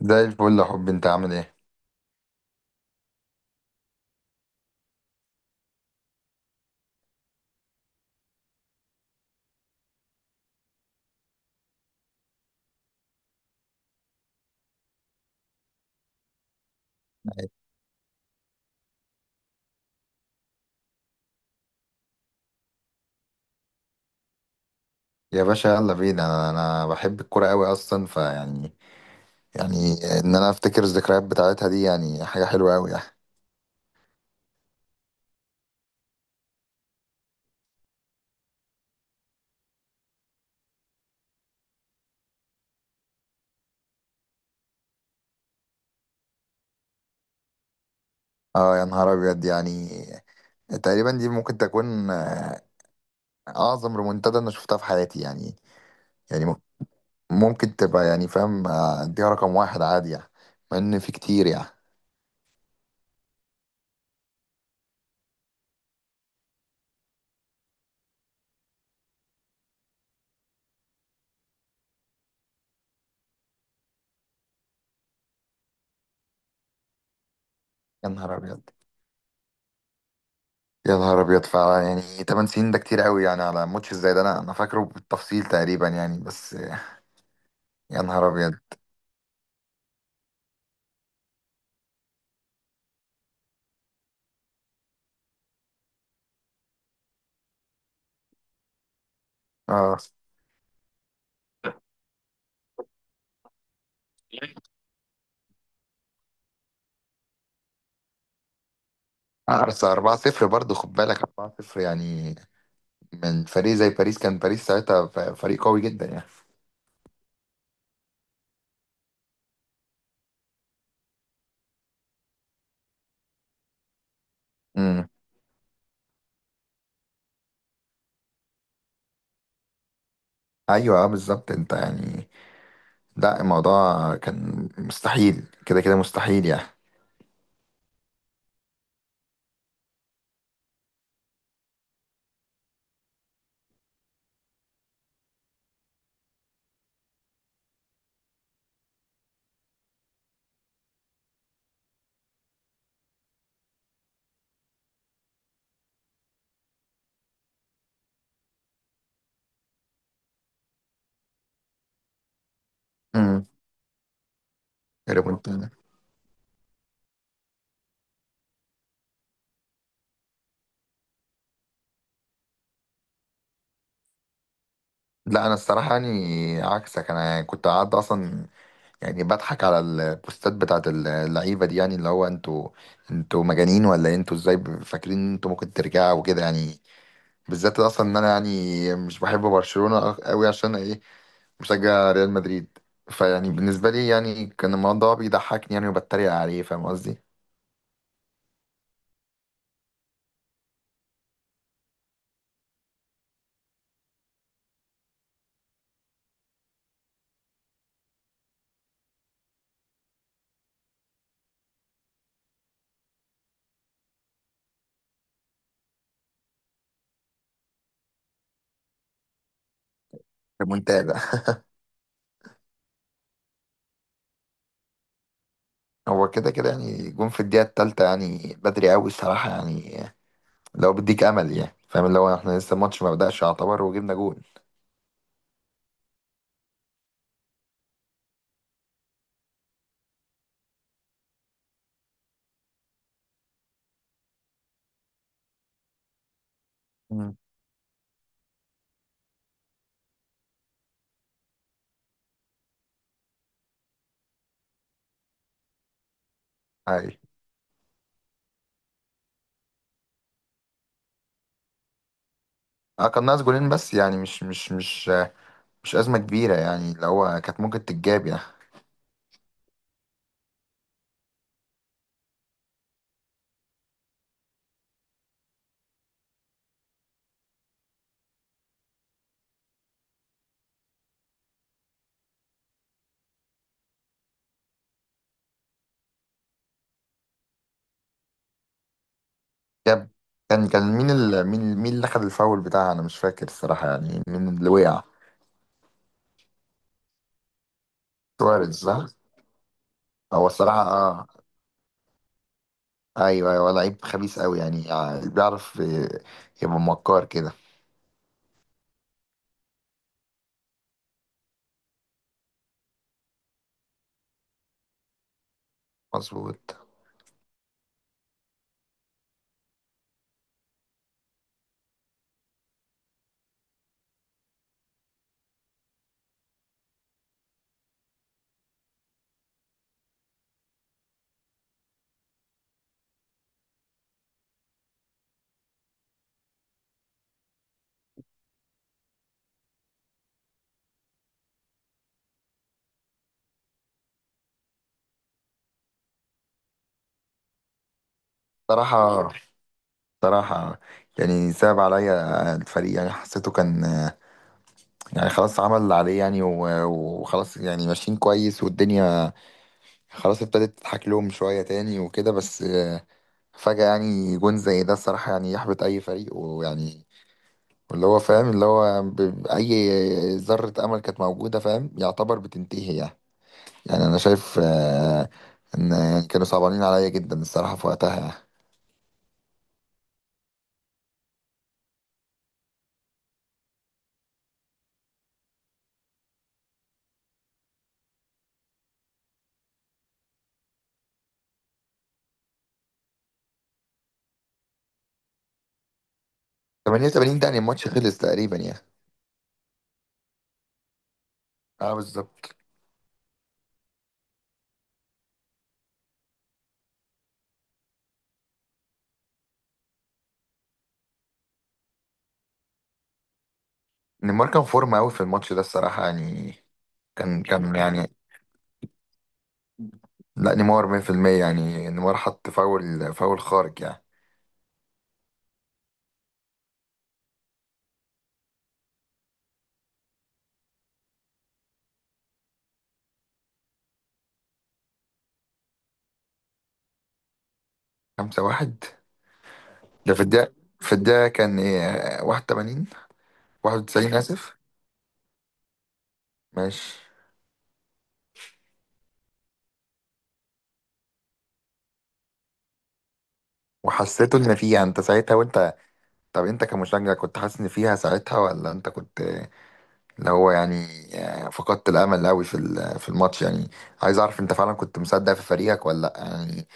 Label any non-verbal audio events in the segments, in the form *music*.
زي الفل يا حبي، انت عامل ايه؟ يا باشا، يلا بينا. انا بحب الكوره قوي اصلا، فيعني يعني يعني ان انا افتكر الذكريات بتاعتها دي، يعني حاجه حلوه قوي يعني. اه، يا نهار ابيض، يعني تقريبا دي ممكن تكون اعظم ريمونتادا انا شفتها في حياتي يعني. يعني ممكن تبقى يعني فاهم، اديها رقم واحد عادي يعني. مع ان في كتير يعني. يا نهار ابيض. يا نهار ابيض فعلا، يعني 8 سنين ده كتير قوي، يعني على ماتش زي ده انا فاكره بالتفصيل تقريبا يعني بس يا نهار ابيض. اه، أرسنال 4-0 برضه، خد بالك، 4-0 يعني، من فريق زي باريس. كان باريس ساعتها فريق قوي جدا يعني. امم، ايوه آه، بالظبط انت يعني. لا، الموضوع كان مستحيل، كده كده مستحيل يعني. امم. ريمونتادا. لا، انا الصراحه يعني عكسك، انا كنت قاعد اصلا يعني بضحك على البوستات بتاعت اللعيبه دي، يعني اللي هو انتوا مجانين ولا إيه؟ انتوا ازاي فاكرين ان انتوا ممكن ترجعوا وكده يعني. بالذات اصلا ان انا يعني مش بحب برشلونه أوي، عشان ايه؟ مشجع ريال مدريد. فيعني بالنسبة لي يعني كان الموضوع بيضحكني يعني، وبتريق عليه، فاهم قصدي؟ المنتدى *laughs* هو كده كده يعني جون في الدقيقة التالتة يعني بدري أوي الصراحة يعني، لو بديك أمل يعني، فاهم اللي هو احنا لسه الماتش ما بدأش يعتبر، وجبنا جون. مم. عادي. اه، كان ناقص جولين، بس يعني مش مش أزمة كبيرة يعني، اللي هو كانت ممكن تتجاب يعني. جاب. كان مين مين اللي خد الفاول بتاعها؟ أنا مش فاكر الصراحة، يعني مين اللي وقع؟ سواريز، صح؟ هو الصراحة اه، ايوه ايوه، لعيب خبيث قوي يعني بيعرف يبقى مكار كده. مظبوط. صراحة، صراحة، يعني صعب عليا الفريق، يعني حسيته كان يعني خلاص عمل اللي عليه يعني وخلاص، يعني ماشيين كويس والدنيا خلاص ابتدت تضحك لهم شوية تاني وكده، بس فجأة يعني جون زي ده الصراحة يعني يحبط أي فريق ويعني، واللي هو فاهم اللي هو أي ذرة أمل كانت موجودة فاهم يعتبر بتنتهي يعني. يعني انا شايف ان يعني كانوا صعبانين عليا جدا الصراحه في وقتها يعني. 88 ده يعني الماتش خلص تقريبا يعني. اه، بالظبط. نيمار كان فورمه قوي في الماتش ده الصراحه يعني. كان يعني، لا نيمار 100% يعني، نيمار حط فاول، فاول خارج يعني. 5-1، ده في الدقيقه. في الدقيقه كان ايه، 81؟ 91، اسف. ماشي. وحسيته ان فيها انت ساعتها، وانت طب انت كمشجع كنت حاسس ان فيها ساعتها؟ ولا انت كنت اللي هو يعني فقدت الامل قوي في في الماتش يعني. عايز اعرف انت فعلا كنت مصدق في فريقك ولا لا يعني.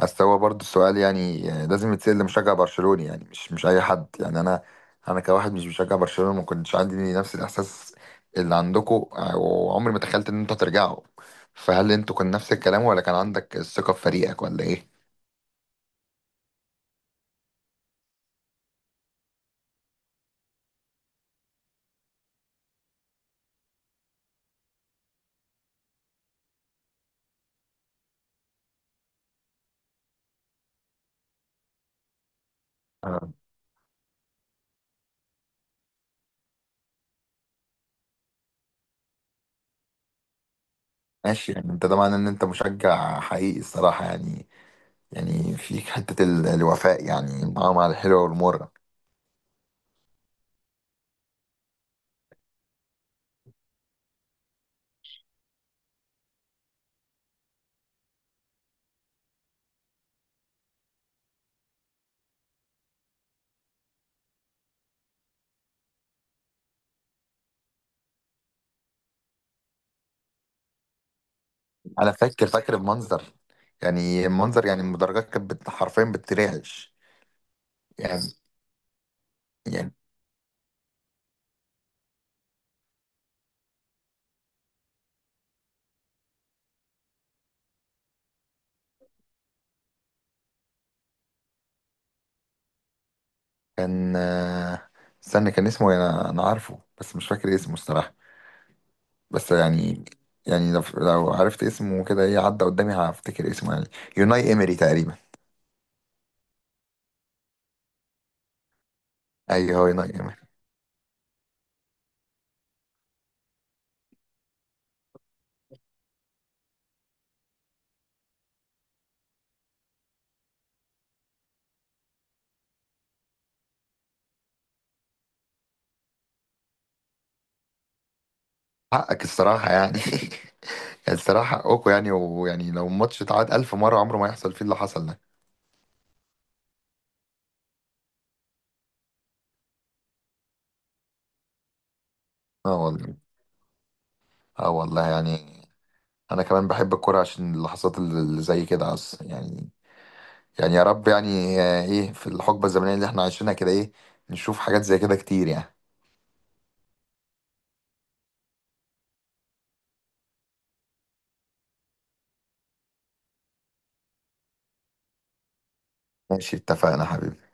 اصل هو برضه السؤال يعني لازم يتسال لمشجع برشلوني يعني، مش اي حد يعني. انا انا كواحد مش بشجع برشلونة، ما كنتش عندي نفس الاحساس اللي عندكم، وعمري ما تخيلت ان انتوا هترجعوا. فهل انتوا كان نفس الكلام، ولا كان عندك الثقة في فريقك ولا ايه؟ آه، ماشي يعني. انت ده معناه ان انت مشجع حقيقي الصراحة يعني، يعني فيك حتة الوفاء يعني، مع مع الحلوة والمرة. انا فاكر المنظر، يعني المنظر يعني، المدرجات كانت حرفيا بترعش يعني. يعني كان استنى، كان اسمه إيه؟ انا انا عارفه بس مش فاكر اسمه الصراحه. بس يعني، يعني لو عرفت اسمه، كده ايه عدى قدامي هفتكر اسمه يعني. يوناي امري تقريبا. ايوه، هو يوناي امري. حقك الصراحه يعني *laughs* يعني الصراحه حقكوا يعني، ويعني لو الماتش اتعاد ألف مره عمره ما يحصل فيه اللي حصل ده. اه والله، اه والله يعني. انا كمان بحب الكوره عشان اللحظات اللي زي كده عس يعني. يعني يا رب يعني ايه في الحقبه الزمنيه اللي احنا عايشينها كده، ايه، نشوف حاجات زي كده كتير يعني. ماشي، اتفقنا حبيبي.